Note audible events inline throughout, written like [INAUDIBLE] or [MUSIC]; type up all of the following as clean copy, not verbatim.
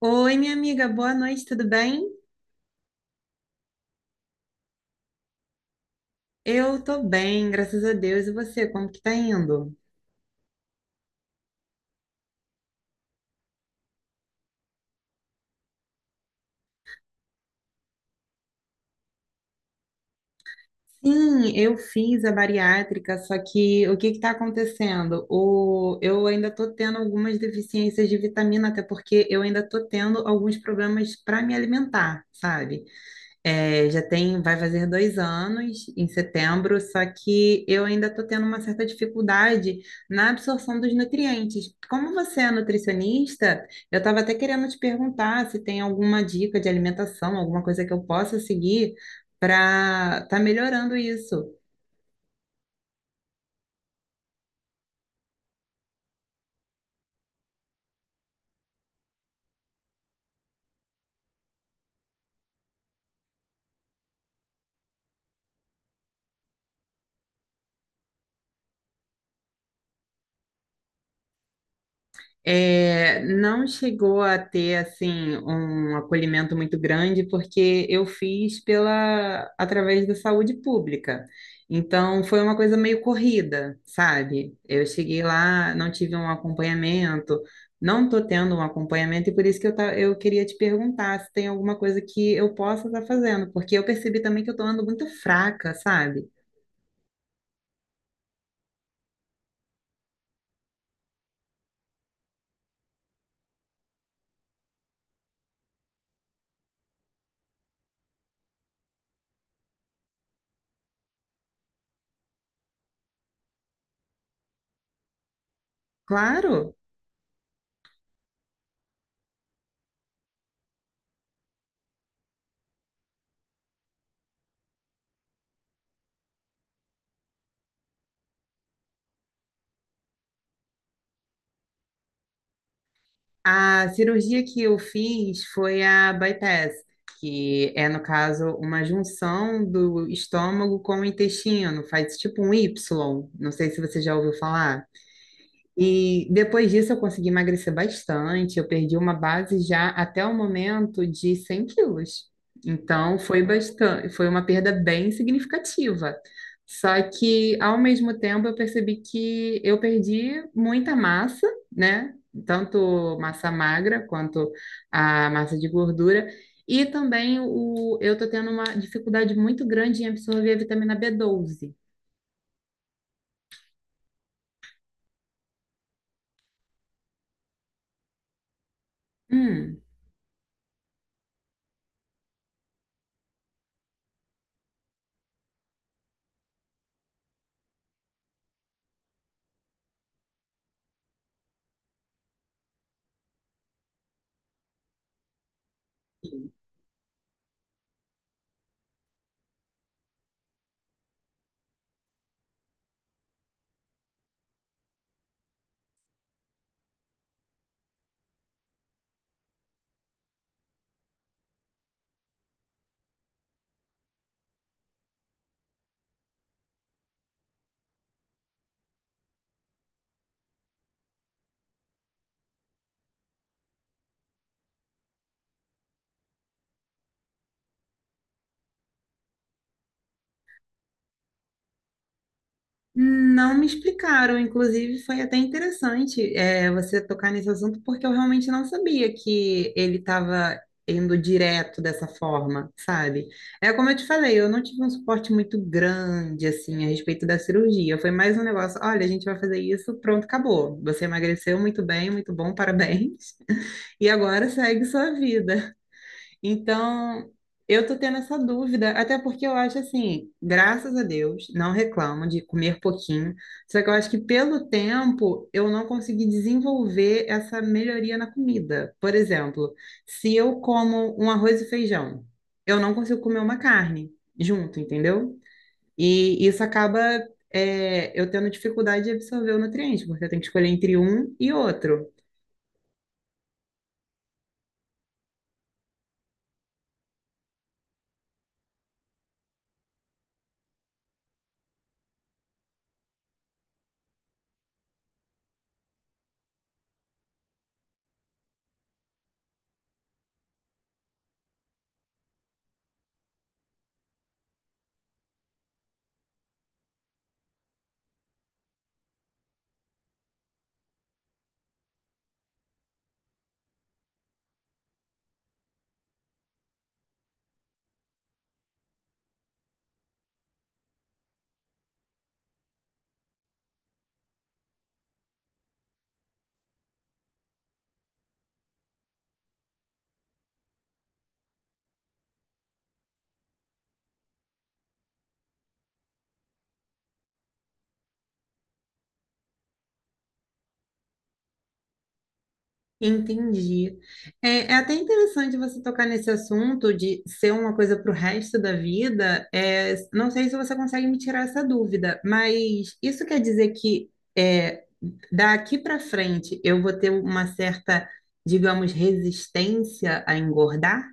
Oi, minha amiga, boa noite, tudo bem? Eu tô bem, graças a Deus. E você, como que tá indo? Sim, eu fiz a bariátrica, só que o que que tá acontecendo? O, eu ainda tô tendo algumas deficiências de vitamina, até porque eu ainda tô tendo alguns problemas para me alimentar, sabe? É, já tem, vai fazer 2 anos em setembro, só que eu ainda estou tendo uma certa dificuldade na absorção dos nutrientes. Como você é nutricionista, eu estava até querendo te perguntar se tem alguma dica de alimentação, alguma coisa que eu possa seguir para estar melhorando isso. É, não chegou a ter assim um acolhimento muito grande porque eu fiz pela através da saúde pública. Então foi uma coisa meio corrida, sabe? Eu cheguei lá, não tive um acompanhamento, não tô tendo um acompanhamento e por isso que eu queria te perguntar se tem alguma coisa que eu possa estar fazendo, porque eu percebi também que eu tô andando muito fraca, sabe? Claro. A cirurgia que eu fiz foi a bypass, que é, no caso, uma junção do estômago com o intestino, faz tipo um Y, não sei se você já ouviu falar. E depois disso eu consegui emagrecer bastante, eu perdi uma base já até o momento de 100 quilos. Então foi bastante, foi uma perda bem significativa. Só que ao mesmo tempo eu percebi que eu perdi muita massa, né? Tanto massa magra quanto a massa de gordura. E também o, eu tô tendo uma dificuldade muito grande em absorver a vitamina B12. Hum. Não me explicaram, inclusive foi até interessante você tocar nesse assunto, porque eu realmente não sabia que ele estava indo direto dessa forma, sabe? É como eu te falei, eu não tive um suporte muito grande, assim, a respeito da cirurgia. Foi mais um negócio, olha, a gente vai fazer isso, pronto, acabou. Você emagreceu muito bem, muito bom, parabéns. [LAUGHS] E agora segue sua vida. Então, eu tô tendo essa dúvida, até porque eu acho assim, graças a Deus, não reclamo de comer pouquinho, só que eu acho que pelo tempo eu não consegui desenvolver essa melhoria na comida. Por exemplo, se eu como um arroz e feijão, eu não consigo comer uma carne junto, entendeu? E isso acaba, é, eu tendo dificuldade de absorver o nutriente, porque eu tenho que escolher entre um e outro. Entendi. É, é até interessante você tocar nesse assunto de ser uma coisa para o resto da vida. É, não sei se você consegue me tirar essa dúvida, mas isso quer dizer que é, daqui para frente eu vou ter uma certa, digamos, resistência a engordar?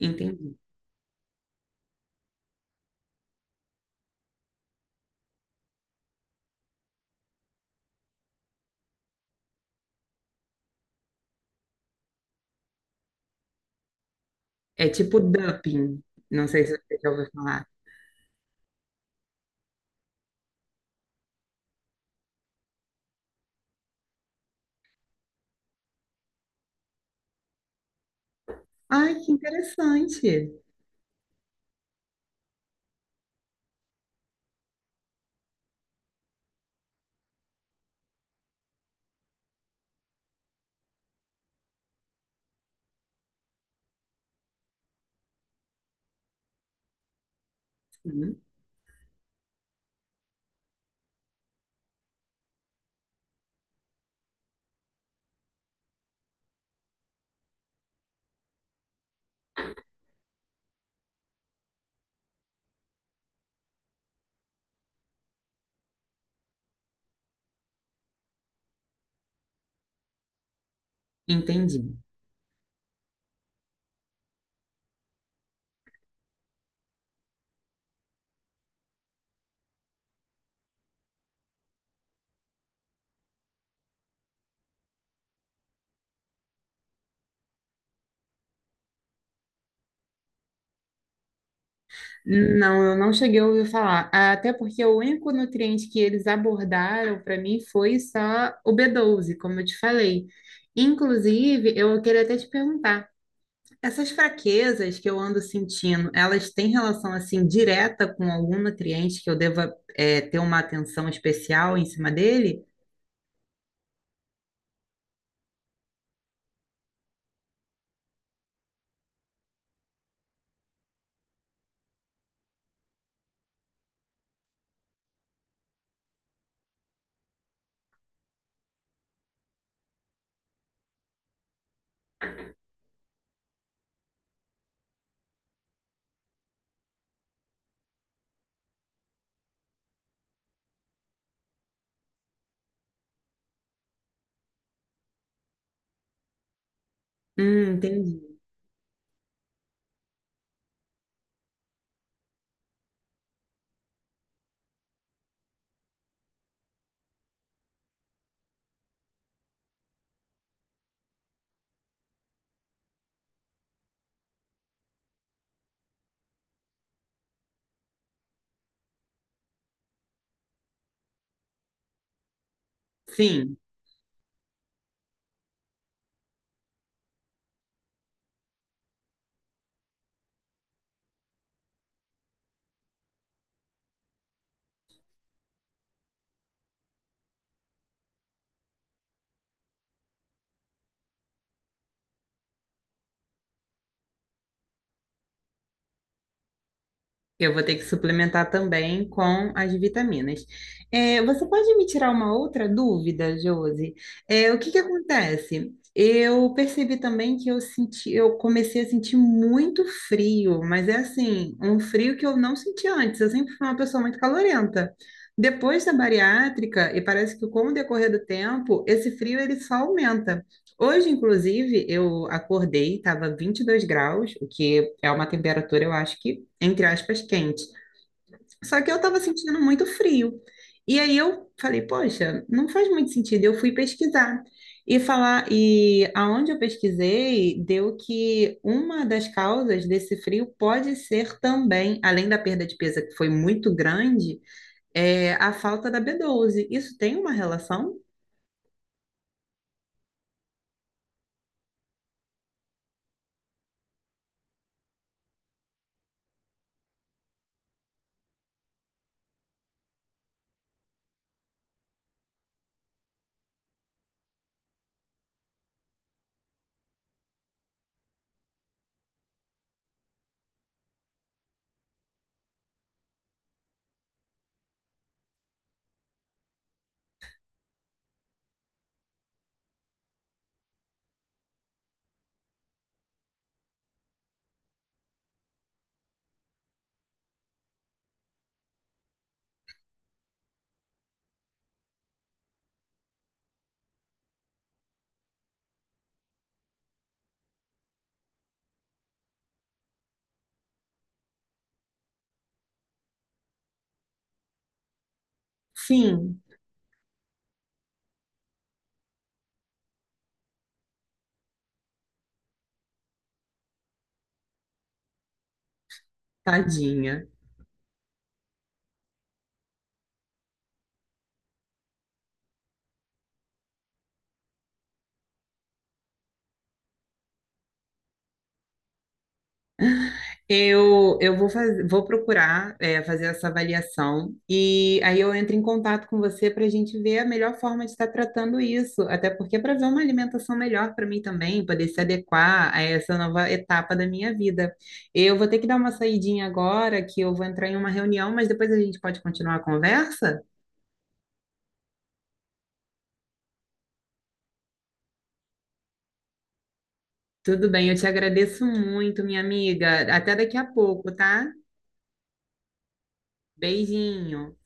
Entendi. É tipo dumping. Não sei se você já ouviu falar. Ai, que interessante. Sim, entendi. Não, eu não cheguei a ouvir falar. Até porque o único nutriente que eles abordaram para mim foi só o B12, como eu te falei. Inclusive, eu queria até te perguntar. Essas fraquezas que eu ando sentindo, elas têm relação assim direta com algum nutriente que eu deva ter uma atenção especial em cima dele? Entendi. Sim. Eu vou ter que suplementar também com as vitaminas. É, você pode me tirar uma outra dúvida, Josi? É, o que que acontece? Eu percebi também que eu senti, eu comecei a sentir muito frio, mas é assim, um frio que eu não senti antes. Eu sempre fui uma pessoa muito calorenta. Depois da bariátrica, e parece que com o decorrer do tempo, esse frio ele só aumenta. Hoje, inclusive, eu acordei, estava 22 graus, o que é uma temperatura, eu acho que entre aspas, quente. Só que eu estava sentindo muito frio. E aí eu falei, poxa, não faz muito sentido. Eu fui pesquisar e falar, e aonde eu pesquisei, deu que uma das causas desse frio pode ser também, além da perda de peso que foi muito grande, é a falta da B12. Isso tem uma relação? Sim, tadinha. Vou procurar, fazer essa avaliação e aí eu entro em contato com você para a gente ver a melhor forma de estar tratando isso, até porque para ver uma alimentação melhor para mim também, poder se adequar a essa nova etapa da minha vida. Eu vou ter que dar uma saidinha agora, que eu vou entrar em uma reunião, mas depois a gente pode continuar a conversa? Tudo bem, eu te agradeço muito, minha amiga. Até daqui a pouco, tá? Beijinho.